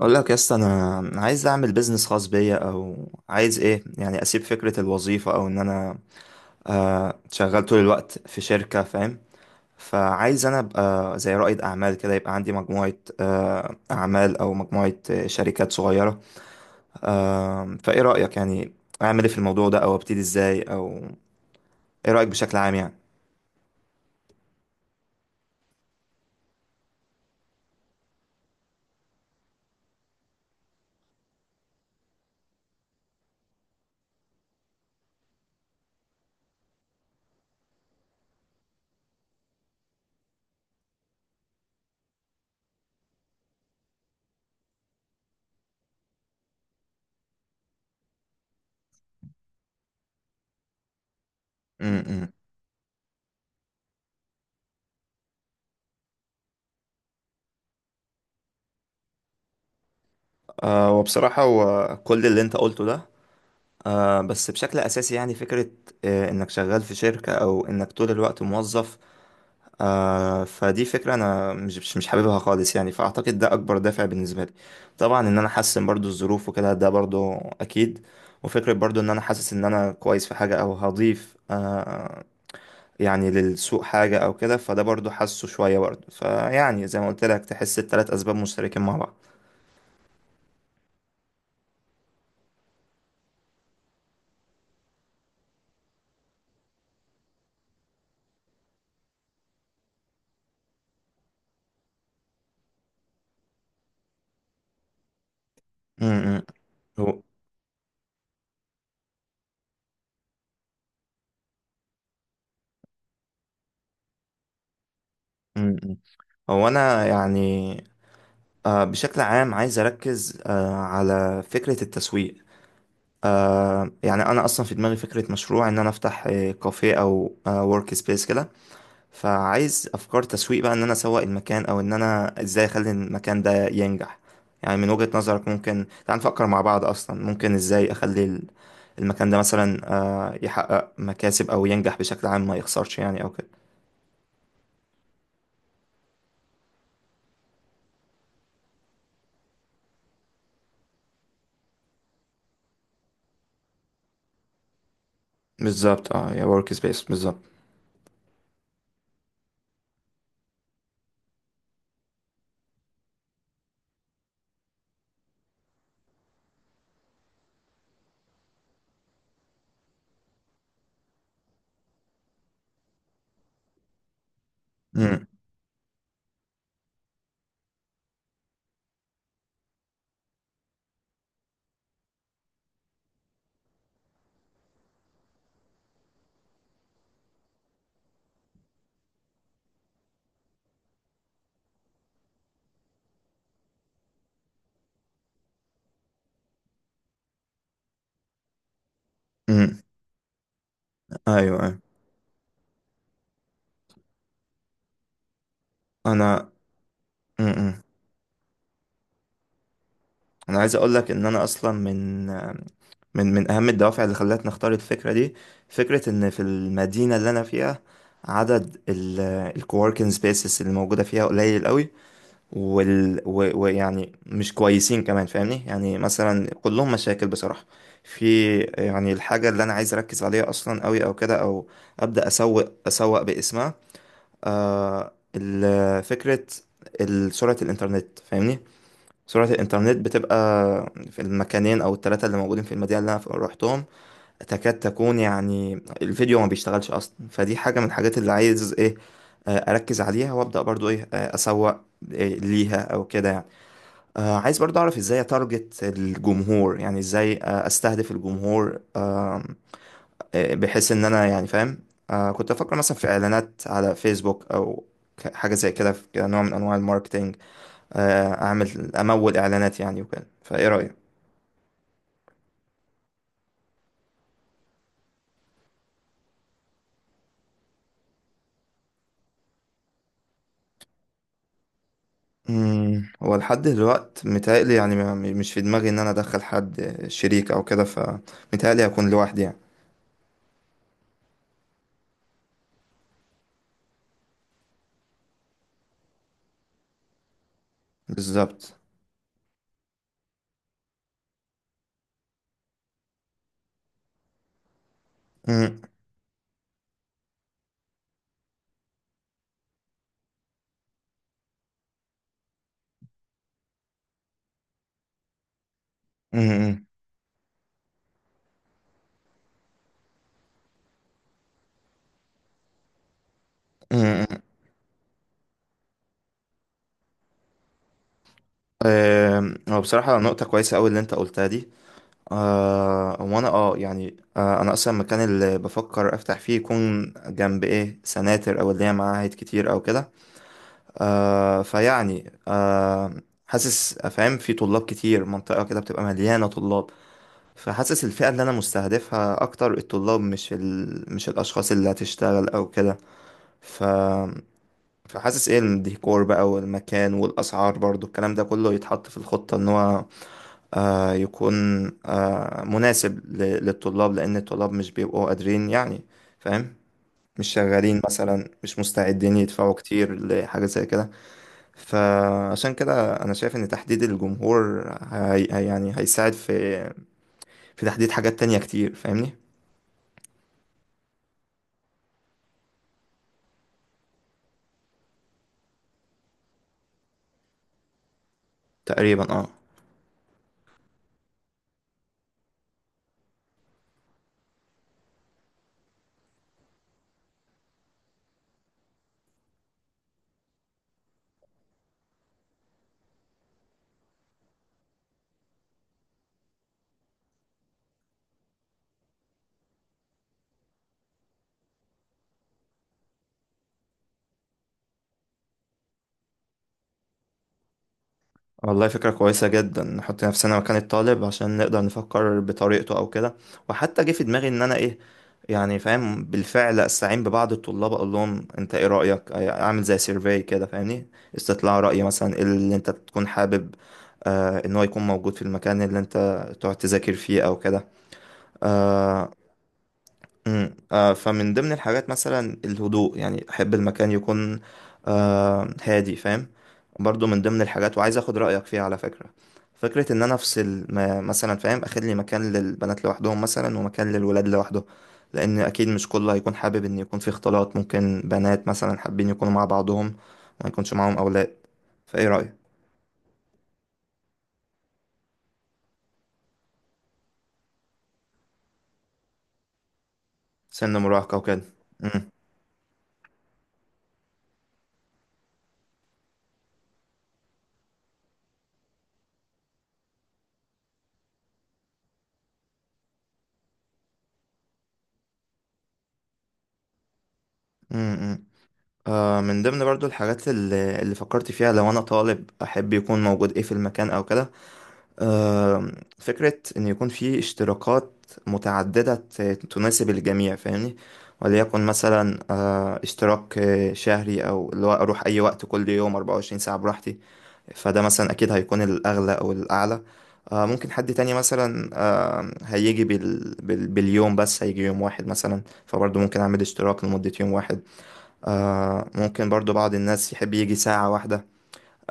اقول لك يا اسطى أنا عايز اعمل بيزنس خاص بيا او عايز ايه يعني اسيب فكره الوظيفه او ان انا شغال طول الوقت في شركه فاهم. فعايز انا ابقى زي رائد اعمال كده، يبقى عندي مجموعه اعمال او مجموعه شركات صغيره. فايه رايك يعني؟ اعمل ايه في الموضوع ده او ابتدي ازاي؟ او ايه رايك بشكل عام يعني؟ امم وبصراحه هو كل اللي انت قلته ده، بس بشكل أساسي يعني فكرة إنك شغال في شركة أو إنك طول الوقت موظف، فدي فكرة أنا مش حاببها خالص يعني، فأعتقد ده أكبر دافع بالنسبة لي. طبعا إن أنا أحسن برضو الظروف وكده ده برضو أكيد. وفكرة برضو إن أنا حاسس إن أنا كويس في حاجة أو هضيف يعني للسوق حاجة أو كده، فده برضو حاسه شوية برضو. فيعني زي ما قلت لك، تحس التلات أسباب مشتركين مع بعض. م- م. هو م- م. هو أنا يعني بشكل عام عايز أركز على فكرة التسويق. يعني أنا أصلا في دماغي فكرة مشروع إن أنا أفتح كافيه أو ورك سبيس كده. فعايز أفكار تسويق بقى إن أنا أسوق المكان، أو إن أنا إزاي أخلي المكان ده ينجح. يعني من وجهة نظرك، ممكن تعال نفكر مع بعض أصلا ممكن إزاي أخلي المكان ده مثلا يحقق مكاسب أو ينجح بشكل عام، ما يخسرش يعني أو كده. بالظبط، اه، يا ورك سبيس بالظبط. امم. امم. ايوه، ايوه. انا، امم، انا عايز اقول لك ان انا اصلا من من اهم الدوافع اللي خلتني اختار الفكره دي، فكره ان في المدينه اللي انا فيها عدد الكووركينج سبيسز اللي موجوده فيها قليل قوي. ويعني مش كويسين كمان فاهمني، يعني مثلا كلهم مشاكل بصراحه في يعني الحاجه اللي انا عايز اركز عليها اصلا قوي او كده، او ابدا اسوق باسمها فكره سرعه الانترنت. فاهمني، سرعة الإنترنت بتبقى في المكانين أو التلاتة اللي موجودين في المدينة اللي أنا روحتهم تكاد تكون يعني الفيديو ما بيشتغلش أصلا. فدي حاجة من الحاجات اللي عايز إيه أركز عليها وأبدأ برضو إيه أسوق إيه ليها أو كده يعني. عايز برضو أعرف إزاي أتارجت الجمهور، يعني إزاي أستهدف الجمهور، بحيث إن أنا يعني فاهم. كنت أفكر مثلا في إعلانات على فيسبوك، أو حاجة زي كده، في كنوع من أنواع الماركتينج. اعمل امول اعلانات يعني وكده. فايه رايك؟ امم. هو لحد دلوقت متهيألي يعني مش في دماغي ان انا ادخل حد شريك او كده، فمتهيألي هكون لوحدي يعني. بالظبط. امم. امم. امم. آم، هو بصراحة نقطة كويسة أوي اللي أنت قلتها دي. آه وأنا أه يعني آه أنا أصلا المكان اللي بفكر أفتح فيه يكون جنب إيه سناتر، أو اللي هي معاهد كتير أو كده. آه فيعني آه حاسس فاهم في طلاب كتير، منطقة كده بتبقى مليانة طلاب. فحاسس الفئة اللي أنا مستهدفها أكتر الطلاب، مش الأشخاص اللي هتشتغل أو كده. ف... فحاسس إيه الديكور بقى والمكان والأسعار، برضو الكلام ده كله يتحط في الخطة إن هو يكون مناسب للطلاب، لأن الطلاب مش بيبقوا قادرين يعني فاهم، مش شغالين مثلا، مش مستعدين يدفعوا كتير لحاجة زي كده. فعشان كده انا شايف ان تحديد الجمهور يعني هيساعد في في تحديد حاجات تانية كتير فاهمني. تقريبا، اه. والله فكرة كويسة جدا، نحط نفسنا مكان الطالب عشان نقدر نفكر بطريقته او كده. وحتى جه في دماغي ان انا ايه يعني، فاهم، بالفعل استعين ببعض الطلاب اقول لهم انت ايه رأيك، اعمل زي سيرفي كده فاهمني، استطلاع رأي مثلا، ايه اللي انت تكون حابب ان هو يكون موجود في المكان اللي انت تقعد تذاكر فيه او كده. آه. امم. فمن ضمن الحاجات مثلا الهدوء، يعني احب المكان يكون هادي فاهم. برضو من ضمن الحاجات وعايز اخد رايك فيها على فكره، فكره ان انا افصل مثلا فاهم، اخد لي مكان للبنات لوحدهم مثلا، ومكان للولاد لوحده، لان اكيد مش كله هيكون حابب ان يكون في اختلاط. ممكن بنات مثلا حابين يكونوا مع بعضهم وما يكونش معاهم اولاد. فايه رايك؟ سن مراهقه وكده. امم. من ضمن برضو الحاجات اللي فكرت فيها، لو انا طالب احب يكون موجود ايه في المكان او كده. آه فكرة ان يكون في اشتراكات متعددة تناسب الجميع فاهمني. وليكن مثلا اشتراك شهري، او اللي هو اروح اي وقت كل يوم 24 ساعة براحتي، فده مثلا اكيد هيكون الاغلى او الاعلى. ممكن حد تاني مثلا هيجي باليوم، بس هيجي يوم واحد مثلا، فبرضه ممكن اعمل اشتراك لمدة يوم واحد. ممكن برضو بعض الناس يحب يجي ساعة واحدة.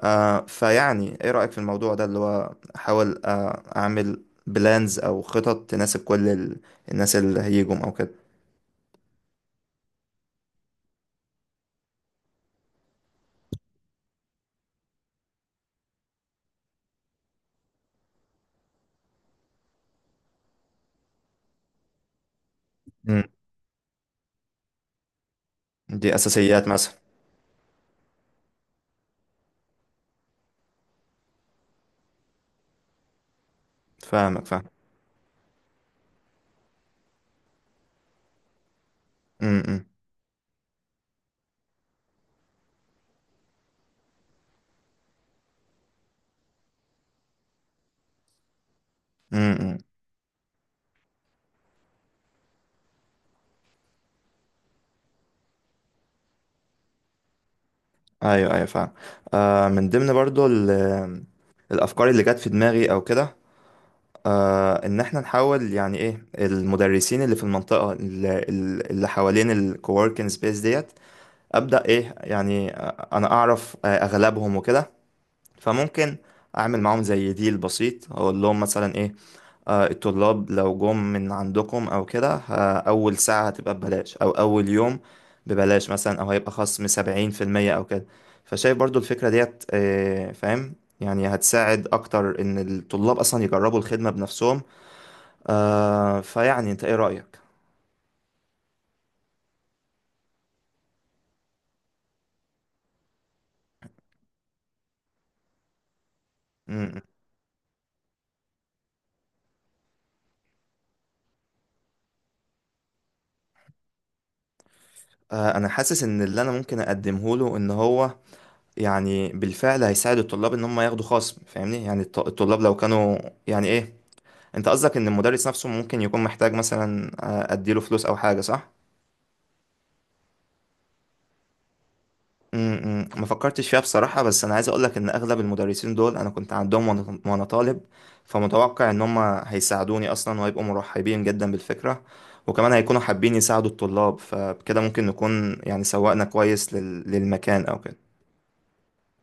فيعني ايه رأيك في الموضوع ده، اللي هو احاول اعمل بلانز او خطط تناسب كل الناس اللي هيجوا او كده. مم. دي اساسيات مثلا. فاهمك، فاهم. امم. امم. ايوه، ايوه فاهم. من ضمن برضو الافكار اللي جت في دماغي او كده، ان احنا نحاول يعني ايه المدرسين اللي في المنطقة اللي حوالين الكووركينج سبيس ديت، ابدا ايه يعني. انا اعرف اغلبهم وكده، فممكن اعمل معاهم زي ديل بسيط، اقول لهم مثلا ايه الطلاب لو جم من عندكم او كده، اول ساعة هتبقى ببلاش او اول يوم ببلاش مثلا، او هيبقى خصم 70% او كده. فشايف برضو الفكرة ديت فاهم، يعني هتساعد اكتر ان الطلاب اصلا يجربوا الخدمة بنفسهم. فيعني انت ايه رأيك؟ م- م. انا حاسس ان اللي انا ممكن اقدمه له ان هو يعني بالفعل هيساعد الطلاب ان هم ياخدوا خصم فاهمني، يعني الطلاب لو كانوا يعني ايه. انت قصدك ان المدرس نفسه ممكن يكون محتاج مثلا اديله فلوس او حاجه، صح؟ امم. ما فكرتش فيها بصراحه، بس انا عايز اقولك ان اغلب المدرسين دول انا كنت عندهم وأنا طالب، فمتوقع ان هم هيساعدوني اصلا وهيبقوا مرحبين جدا بالفكره، وكمان هيكونوا حابين يساعدوا الطلاب، فبكده ممكن نكون يعني سوقنا كويس للمكان او كده.